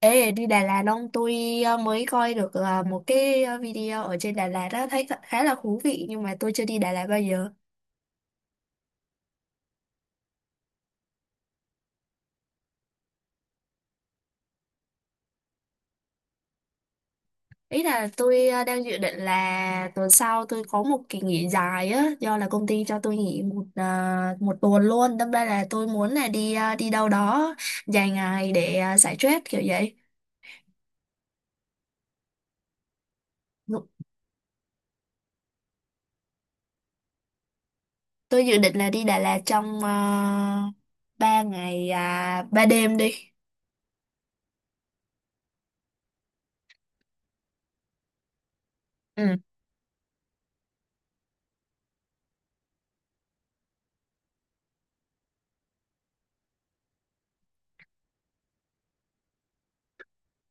Ê, đi Đà Lạt không? Tôi mới coi được một cái video ở trên Đà Lạt đó, thấy khá là thú vị nhưng mà tôi chưa đi Đà Lạt bao giờ. Ý là tôi đang dự định là tuần sau tôi có một kỳ nghỉ dài á, do là công ty cho tôi nghỉ một tuần luôn. Đâm ra là tôi muốn là đi đâu đó dài ngày để giải stress kiểu vậy. Đúng. Tôi dự định là đi Đà Lạt trong 3 ngày 3 đêm đi. Ừ.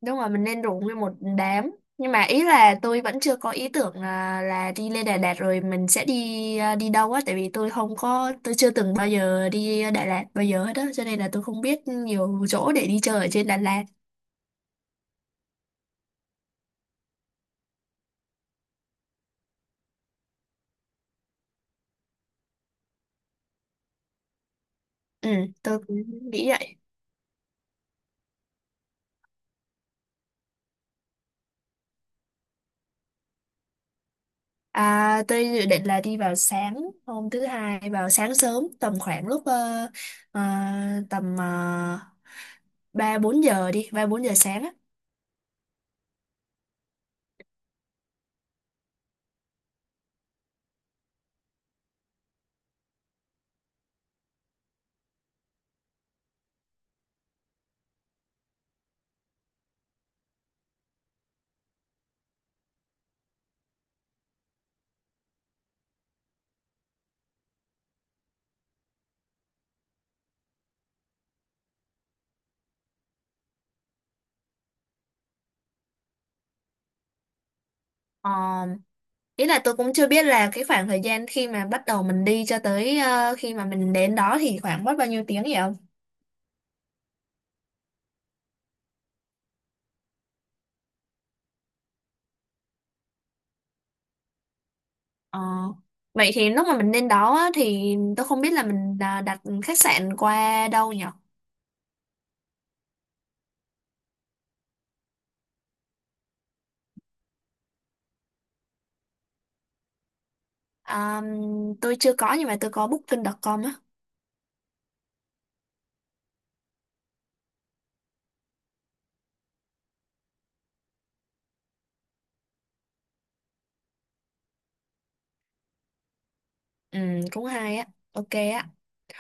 Đúng rồi, mình nên rủ nguyên một đám. Nhưng mà ý là tôi vẫn chưa có ý tưởng là đi lên Đà Lạt rồi mình sẽ đi đâu á, tại vì tôi không có tôi chưa từng bao giờ đi Đà Lạt bao giờ hết á, cho nên là tôi không biết nhiều chỗ để đi chơi ở trên Đà Lạt. Ừ, tôi cũng nghĩ vậy. À, tôi dự định là đi vào sáng hôm thứ hai, vào sáng sớm tầm khoảng lúc ờ, tầm ờ, 3-4 giờ đi 3-4 giờ sáng á. Ờ, ý là tôi cũng chưa biết là cái khoảng thời gian khi mà bắt đầu mình đi cho tới khi mà mình đến đó thì khoảng mất bao nhiêu tiếng vậy không? Ờ. Vậy thì lúc mà mình đến đó á, thì tôi không biết là mình đặt khách sạn qua đâu nhỉ? À, tôi chưa có nhưng mà tôi có booking.com á. Ừ, cũng hay á. Ok á.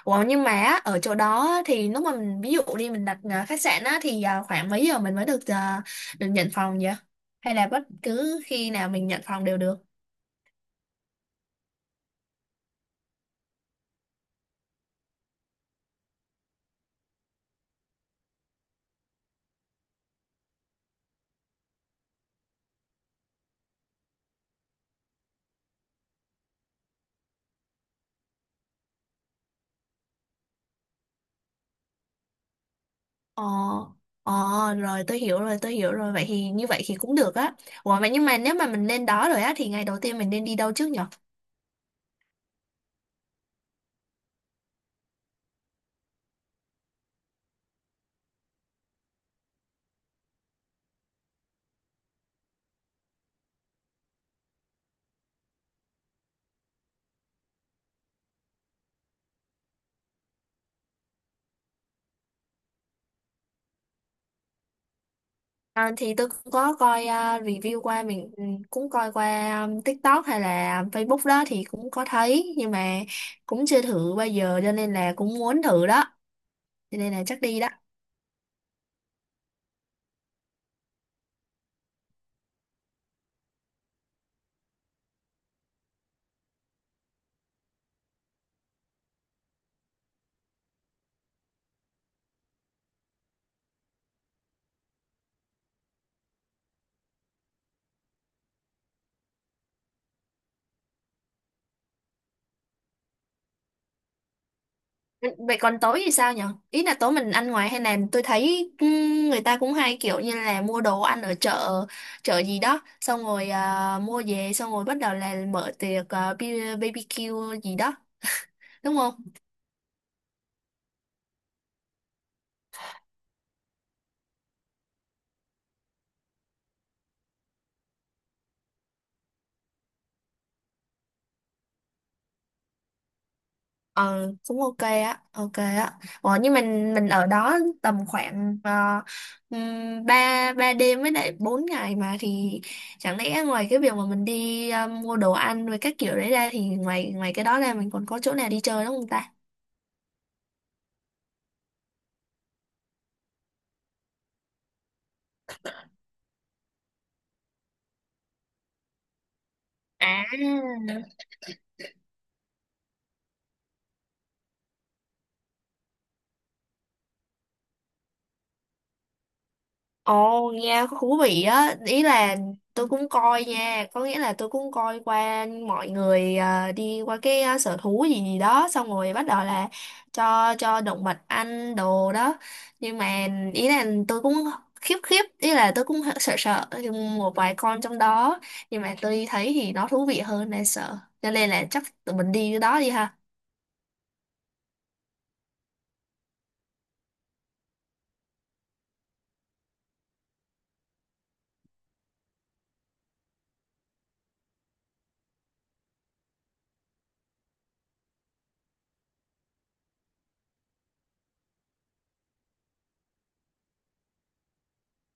Ủa, nhưng mà á, ở chỗ đó á, thì lúc mà mình ví dụ đi, mình đặt khách sạn á, thì khoảng mấy giờ mình mới được nhận phòng vậy? Hay là bất cứ khi nào mình nhận phòng đều được? Ờ, ờ, rồi tôi hiểu rồi, tôi hiểu rồi. Vậy thì như vậy thì cũng được á. Ủa, vậy nhưng mà nếu mà mình lên đó rồi á, thì ngày đầu tiên mình nên đi đâu trước nhở? À, thì tôi cũng có coi review qua, mình cũng coi qua TikTok hay là Facebook đó thì cũng có thấy. Nhưng mà cũng chưa thử bao giờ cho nên là cũng muốn thử đó. Cho nên là chắc đi đó. Vậy còn tối thì sao nhở? Ý là tối mình ăn ngoài hay là tôi thấy người ta cũng hay kiểu như là mua đồ ăn ở chợ chợ gì đó, xong rồi mua về xong rồi bắt đầu là mở tiệc, BBQ gì đó, đúng không? Ờ, cũng ok á, ok á. Ủa, nhưng mình ở đó tầm khoảng 3 ba ba đêm với lại 4 ngày mà, thì chẳng lẽ ngoài cái việc mà mình đi mua đồ ăn với các kiểu đấy ra, thì ngoài ngoài cái đó ra mình còn có chỗ nào đi chơi đúng không ta? À, ồ, nghe có thú vị á, ý là tôi cũng coi nha, có nghĩa là tôi cũng coi qua mọi người đi qua cái sở thú gì gì đó, xong rồi bắt đầu là cho động vật ăn đồ đó, nhưng mà ý là tôi cũng khiếp khiếp, ý là tôi cũng sợ sợ một vài con trong đó, nhưng mà tôi thấy thì nó thú vị hơn là sợ, cho nên là chắc tụi mình đi cái đó đi ha.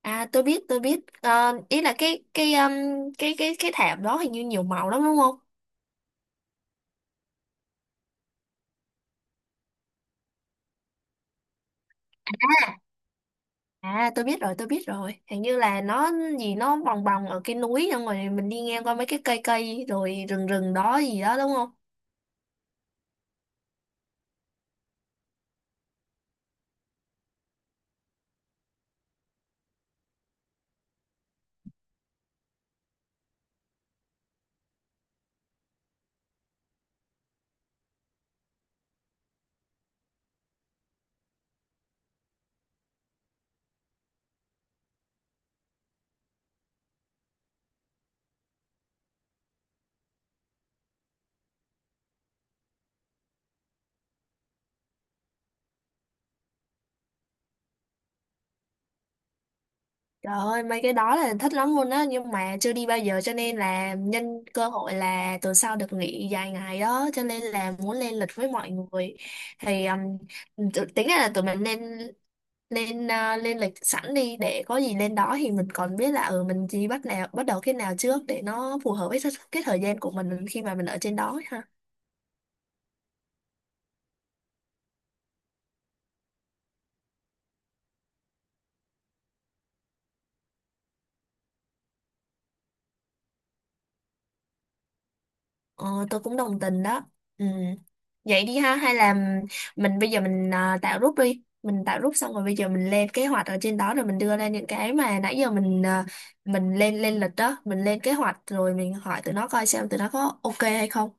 À, tôi biết tôi biết. Ờ, ý là cái thảm đó hình như nhiều màu lắm đúng không? À, tôi biết rồi, tôi biết rồi, hình như là nó gì nó bồng bồng ở cái núi xong rồi mình đi ngang qua mấy cái cây cây rồi rừng rừng đó gì đó đúng không? Trời ơi, mấy cái đó là thích lắm luôn á, nhưng mà chưa đi bao giờ cho nên là nhân cơ hội là tuần sau được nghỉ dài ngày đó cho nên là muốn lên lịch với mọi người, thì tính ra là tụi mình nên lên lịch sẵn đi để có gì lên đó thì mình còn biết là mình chỉ bắt đầu cái nào trước để nó phù hợp với cái thời gian của mình khi mà mình ở trên đó ấy ha. Ờ, tôi cũng đồng tình đó. Ừ. Vậy đi ha, hay là mình bây giờ tạo group đi, mình tạo group xong rồi bây giờ mình lên kế hoạch ở trên đó, rồi mình đưa ra những cái mà nãy giờ mình lên lên lịch đó, mình lên kế hoạch rồi mình hỏi tụi nó coi xem tụi nó có ok hay không.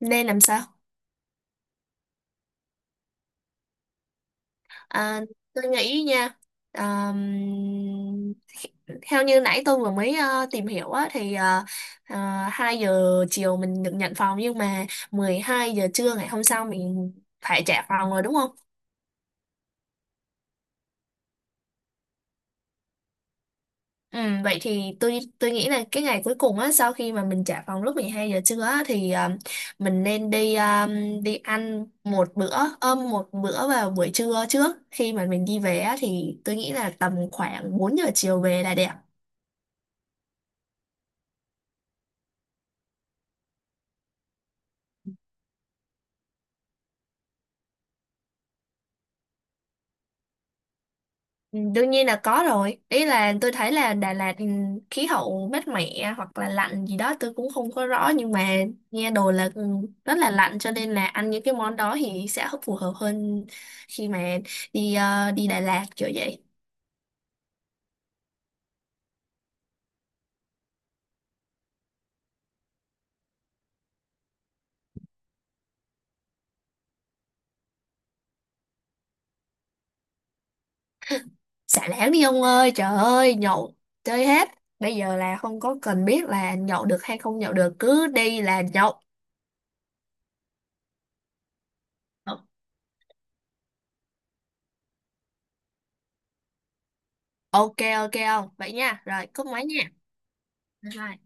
Nên làm sao? À, tôi nghĩ nha à, Theo như nãy tôi vừa mới tìm hiểu á, thì ờ, 2 giờ chiều mình được nhận phòng nhưng mà 12 giờ trưa ngày hôm sau mình phải trả phòng rồi đúng không? Ừ, vậy thì tôi nghĩ là cái ngày cuối cùng á, sau khi mà mình trả phòng lúc 12 giờ trưa á, mình nên đi ăn một bữa ôm một bữa vào buổi trưa trước khi mà mình đi về á, thì tôi nghĩ là tầm khoảng 4 giờ chiều về là đẹp. Ừ, đương nhiên là có rồi. Ý là tôi thấy là Đà Lạt, khí hậu mát mẻ hoặc là lạnh gì đó tôi cũng không có rõ nhưng mà nghe đồn là rất là lạnh cho nên là ăn những cái món đó thì sẽ phù hợp hơn khi mà đi Đà Lạt kiểu vậy. Xả láng đi ông ơi, trời ơi, nhậu chơi hết. Bây giờ là không có cần biết là nhậu được hay không nhậu được, cứ đi là nhậu. Ờ, ok ok không? Vậy nha. Rồi, cúp máy nha. Bye bye.